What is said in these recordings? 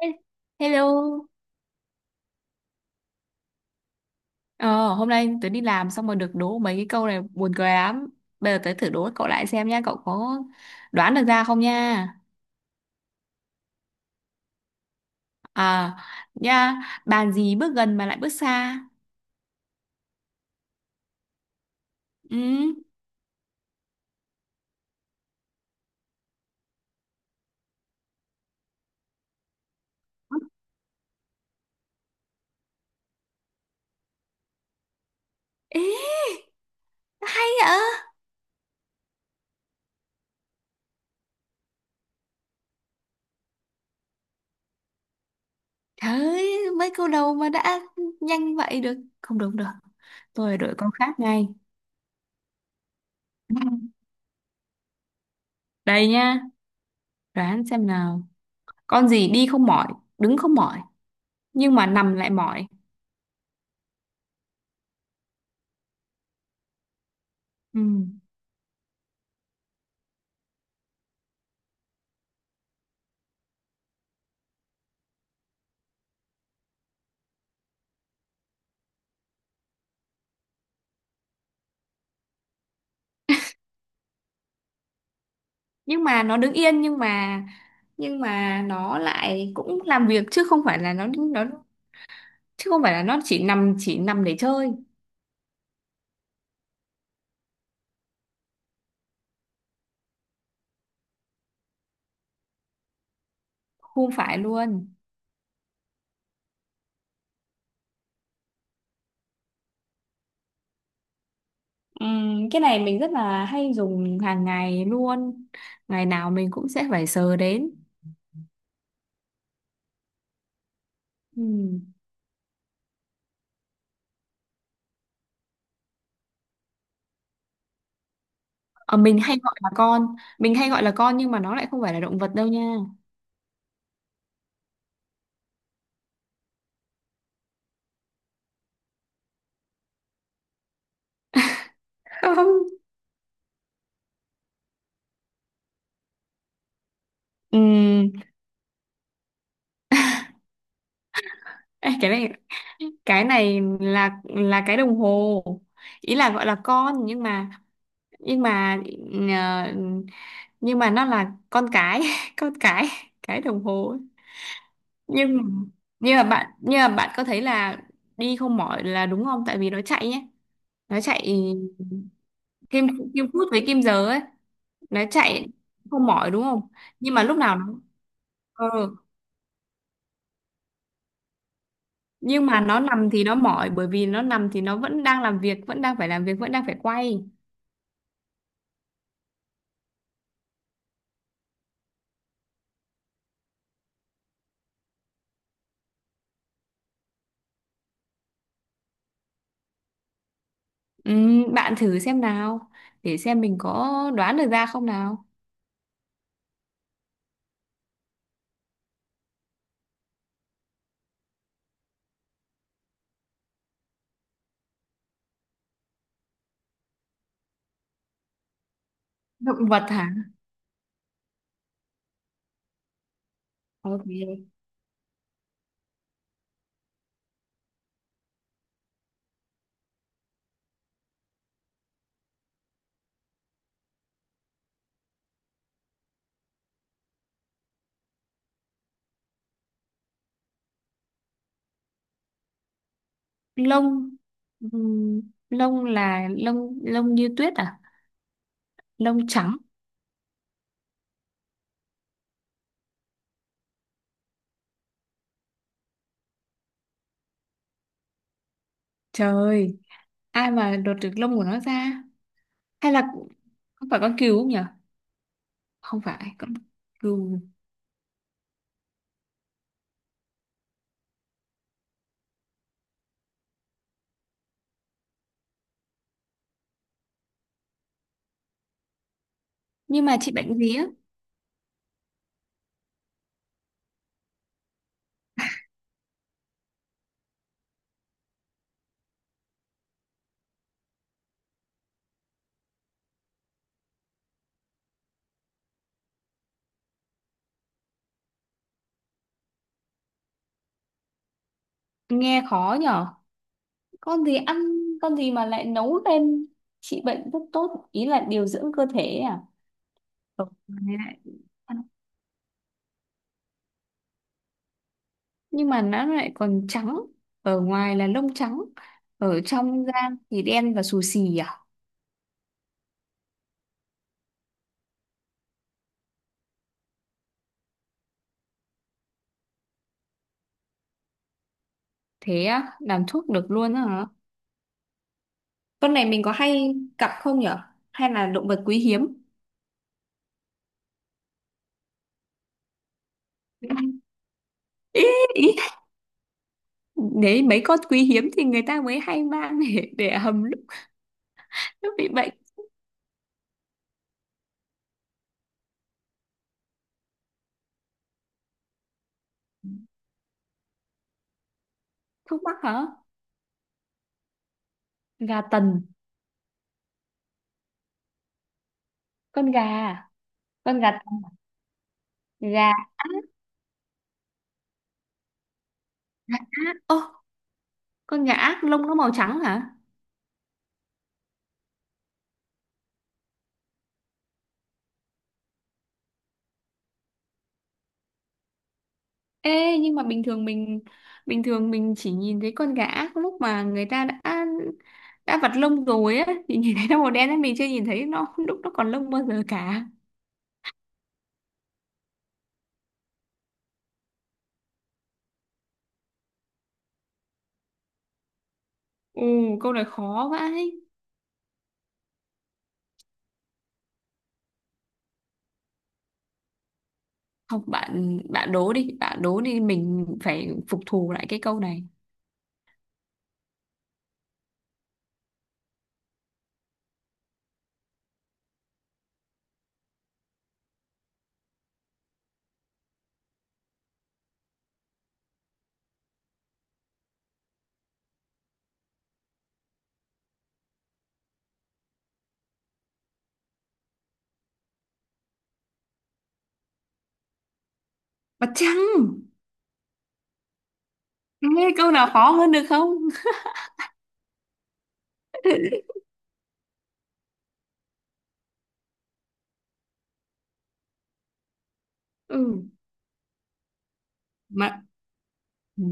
He- Hello. Ờ, Hôm nay tớ đi làm xong rồi được đố mấy cái câu này buồn cười lắm. Bây giờ tớ thử đố cậu lại xem nha, cậu có đoán được ra không nha? À, nha, bàn gì bước gần mà lại bước xa? Ừ. Ê, ạ. Trời ơi, mấy câu đầu mà đã nhanh vậy được. Không đúng được. Tôi phải đổi câu khác ngay. Đây nha, đoán xem nào. Con gì đi không mỏi, đứng không mỏi, nhưng mà nằm lại mỏi. Ừ. Nhưng mà nó đứng yên nhưng mà nó lại cũng làm việc chứ không phải là nó chứ không phải là nó chỉ nằm để chơi, không phải luôn. Cái này mình rất là hay dùng hàng ngày luôn, ngày nào mình cũng sẽ phải sờ đến. Ừm. Ờ, mình hay gọi là con, mình hay gọi là con nhưng mà nó lại không phải là động vật đâu nha. Không. Ừm, ê, cái này là cái đồng hồ, ý là gọi là con nhưng mà nhưng mà ờ, nhưng mà nó là con cái con cái đồng hồ ấy. nhưng nhưng mà bạn, nhưng mà bạn có thấy là đi không mỏi là đúng không, tại vì nó chạy nhé, nó chạy kim, kim phút với kim giờ ấy, nó chạy không mỏi đúng không. Nhưng mà lúc nào nó ờ, nhưng mà nó nằm thì nó mỏi, bởi vì nó nằm thì nó vẫn đang làm việc, vẫn đang phải làm việc, vẫn đang phải quay. Bạn thử xem nào, để xem mình có đoán được ra không nào. Động vật hả? Ok. Lông, ừm, lông là lông, lông như tuyết à? Lông trắng. Trời ơi, ai mà lột được lông của nó ra. Hay là không phải con cừu không nhở? Không phải con cừu. Nhưng mà chị bệnh gì á? Nghe khó nhở. Con gì ăn, con gì mà lại nấu lên trị bệnh rất tốt, ý là điều dưỡng cơ thể ấy à? Ở ngoài lại ăn. Nhưng mà nó lại còn trắng, ở ngoài là lông trắng, ở trong da thì đen và xù xì à. Thế á, làm thuốc được luôn á hả? Con này mình có hay gặp không nhở? Hay là động vật quý hiếm? Ý, ý. Đấy, mấy con quý hiếm thì người ta mới hay mang để hầm lúc, lúc bị bệnh. Thuốc mắc hả? Gà tần, con gà, à? Con gà, gà, gà ác. Ô, con gà ác lông nó màu trắng hả? Ê, nhưng mà bình thường mình, bình thường mình chỉ nhìn thấy con gà ác lúc mà người ta đã vặt lông rồi á thì nhìn thấy nó màu đen á, mình chưa nhìn thấy nó lúc nó còn lông bao giờ cả. Ồ, câu này khó quá ấy. Không, bạn bạn đố đi, bạn đố đi, mình phải phục thù lại cái câu này. Mặt trăng. Nghe câu nào khó hơn được không? Ừ, Mặt, ừ,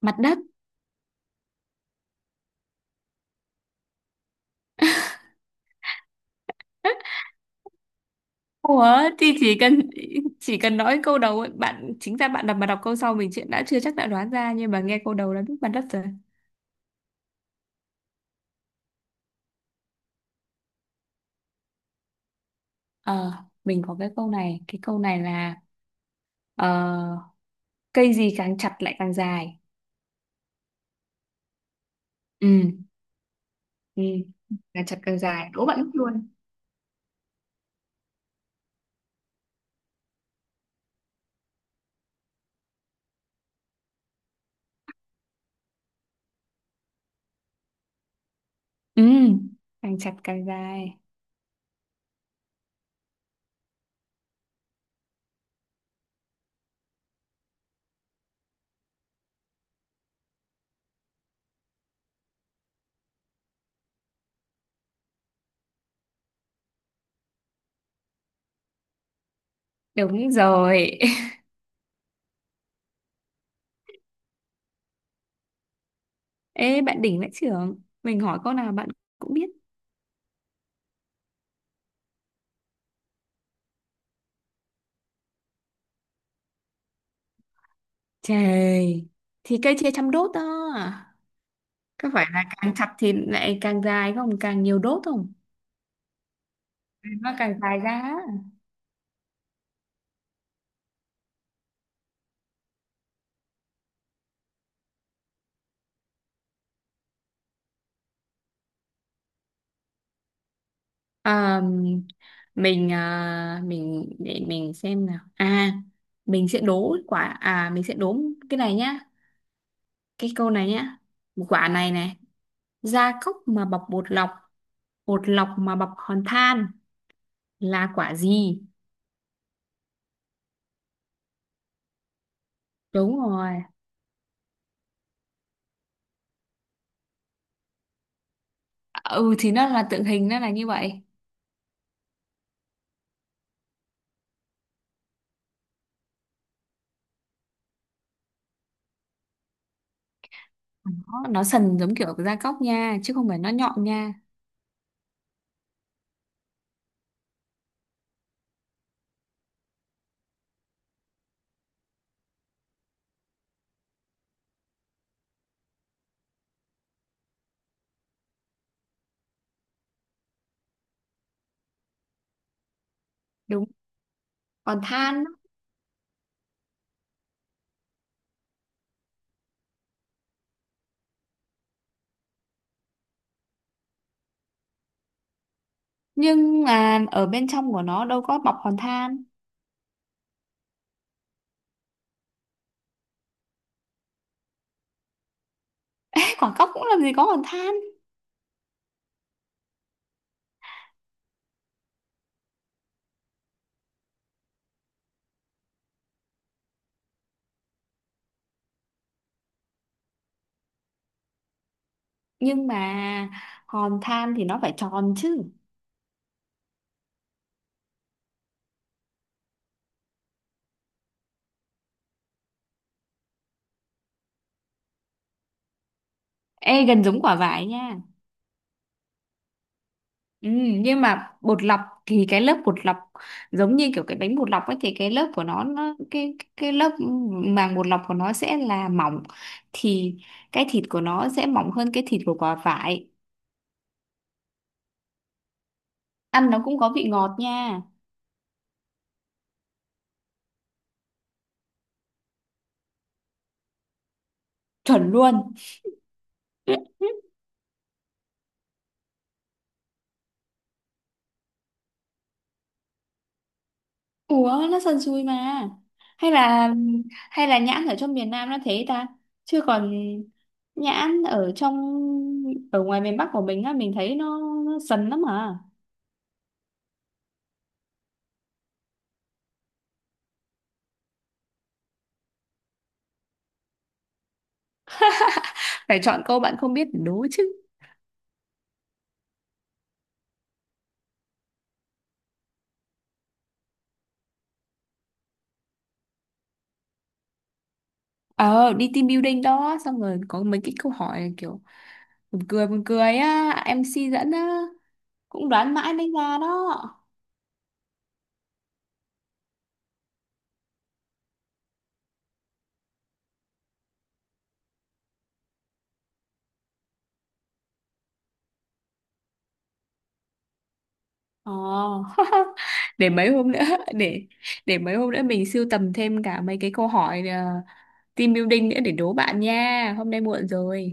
mặt đất. Ủa thì chỉ cần, chỉ cần nói câu đầu ấy, bạn chính ra bạn đọc mà đọc câu sau mình chuyện đã chưa chắc đã đoán ra, nhưng mà nghe câu đầu là biết mặt đất rồi. Ờ, mình có cái câu này là ờ, cây gì càng chặt lại càng dài. Ừ. Ừ. Càng chặt càng dài, đố bạn mất luôn. Ừ, càng chặt càng dài. Đúng rồi. Ê, bạn đỉnh vãi chưởng. Mình hỏi câu nào bạn cũng biết. Trời, thì cây chia trăm đốt đó. Có phải là càng chặt thì lại càng dài không? Càng nhiều đốt không? Nó càng dài ra. Á. À, mình, mình để mình xem nào. À, mình sẽ đố quả, à mình sẽ đố cái này nhá. Cái câu này nhá. Quả này này, gia cốc mà bọc bột lọc mà bọc hòn than là quả gì? Đúng rồi. Ừ thì nó là tượng hình, nó là như vậy. Nó sần giống kiểu gia cốc nha, chứ không phải nó nhọn nha. Đúng. Còn than, á, nhưng mà ở bên trong của nó đâu có bọc hòn than. Ê, quả cốc cũng làm gì có hòn than. Nhưng mà hòn than thì nó phải tròn chứ. Ê gần giống quả vải nha. Ừ, nhưng mà bột lọc thì cái lớp bột lọc giống như kiểu cái bánh bột lọc ấy thì cái lớp của nó cái lớp màng bột lọc của nó sẽ là mỏng, thì cái thịt của nó sẽ mỏng hơn cái thịt của quả vải. Ăn nó cũng có vị ngọt nha. Chuẩn luôn. Ủa nó sần sùi mà. Hay là, hay là nhãn ở trong miền Nam nó thế ta, chứ còn nhãn ở trong, ở ngoài miền Bắc của mình á mình thấy nó sần lắm à. Phải chọn câu bạn không biết để đố chứ. Ờ đi team building đó xong rồi có mấy cái câu hỏi kiểu buồn cười, buồn cười á, em MC dẫn á cũng đoán mãi mới ra đó. Ờ. Để mấy hôm nữa, để để mấy hôm nữa mình sưu tầm thêm cả mấy cái câu hỏi team building nữa để đố bạn nha, hôm nay muộn rồi.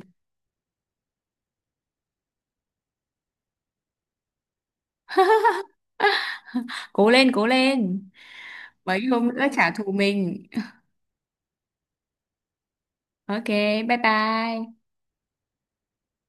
Cố lên cố lên, mấy hôm nữa trả thù mình. Ok, bye bye.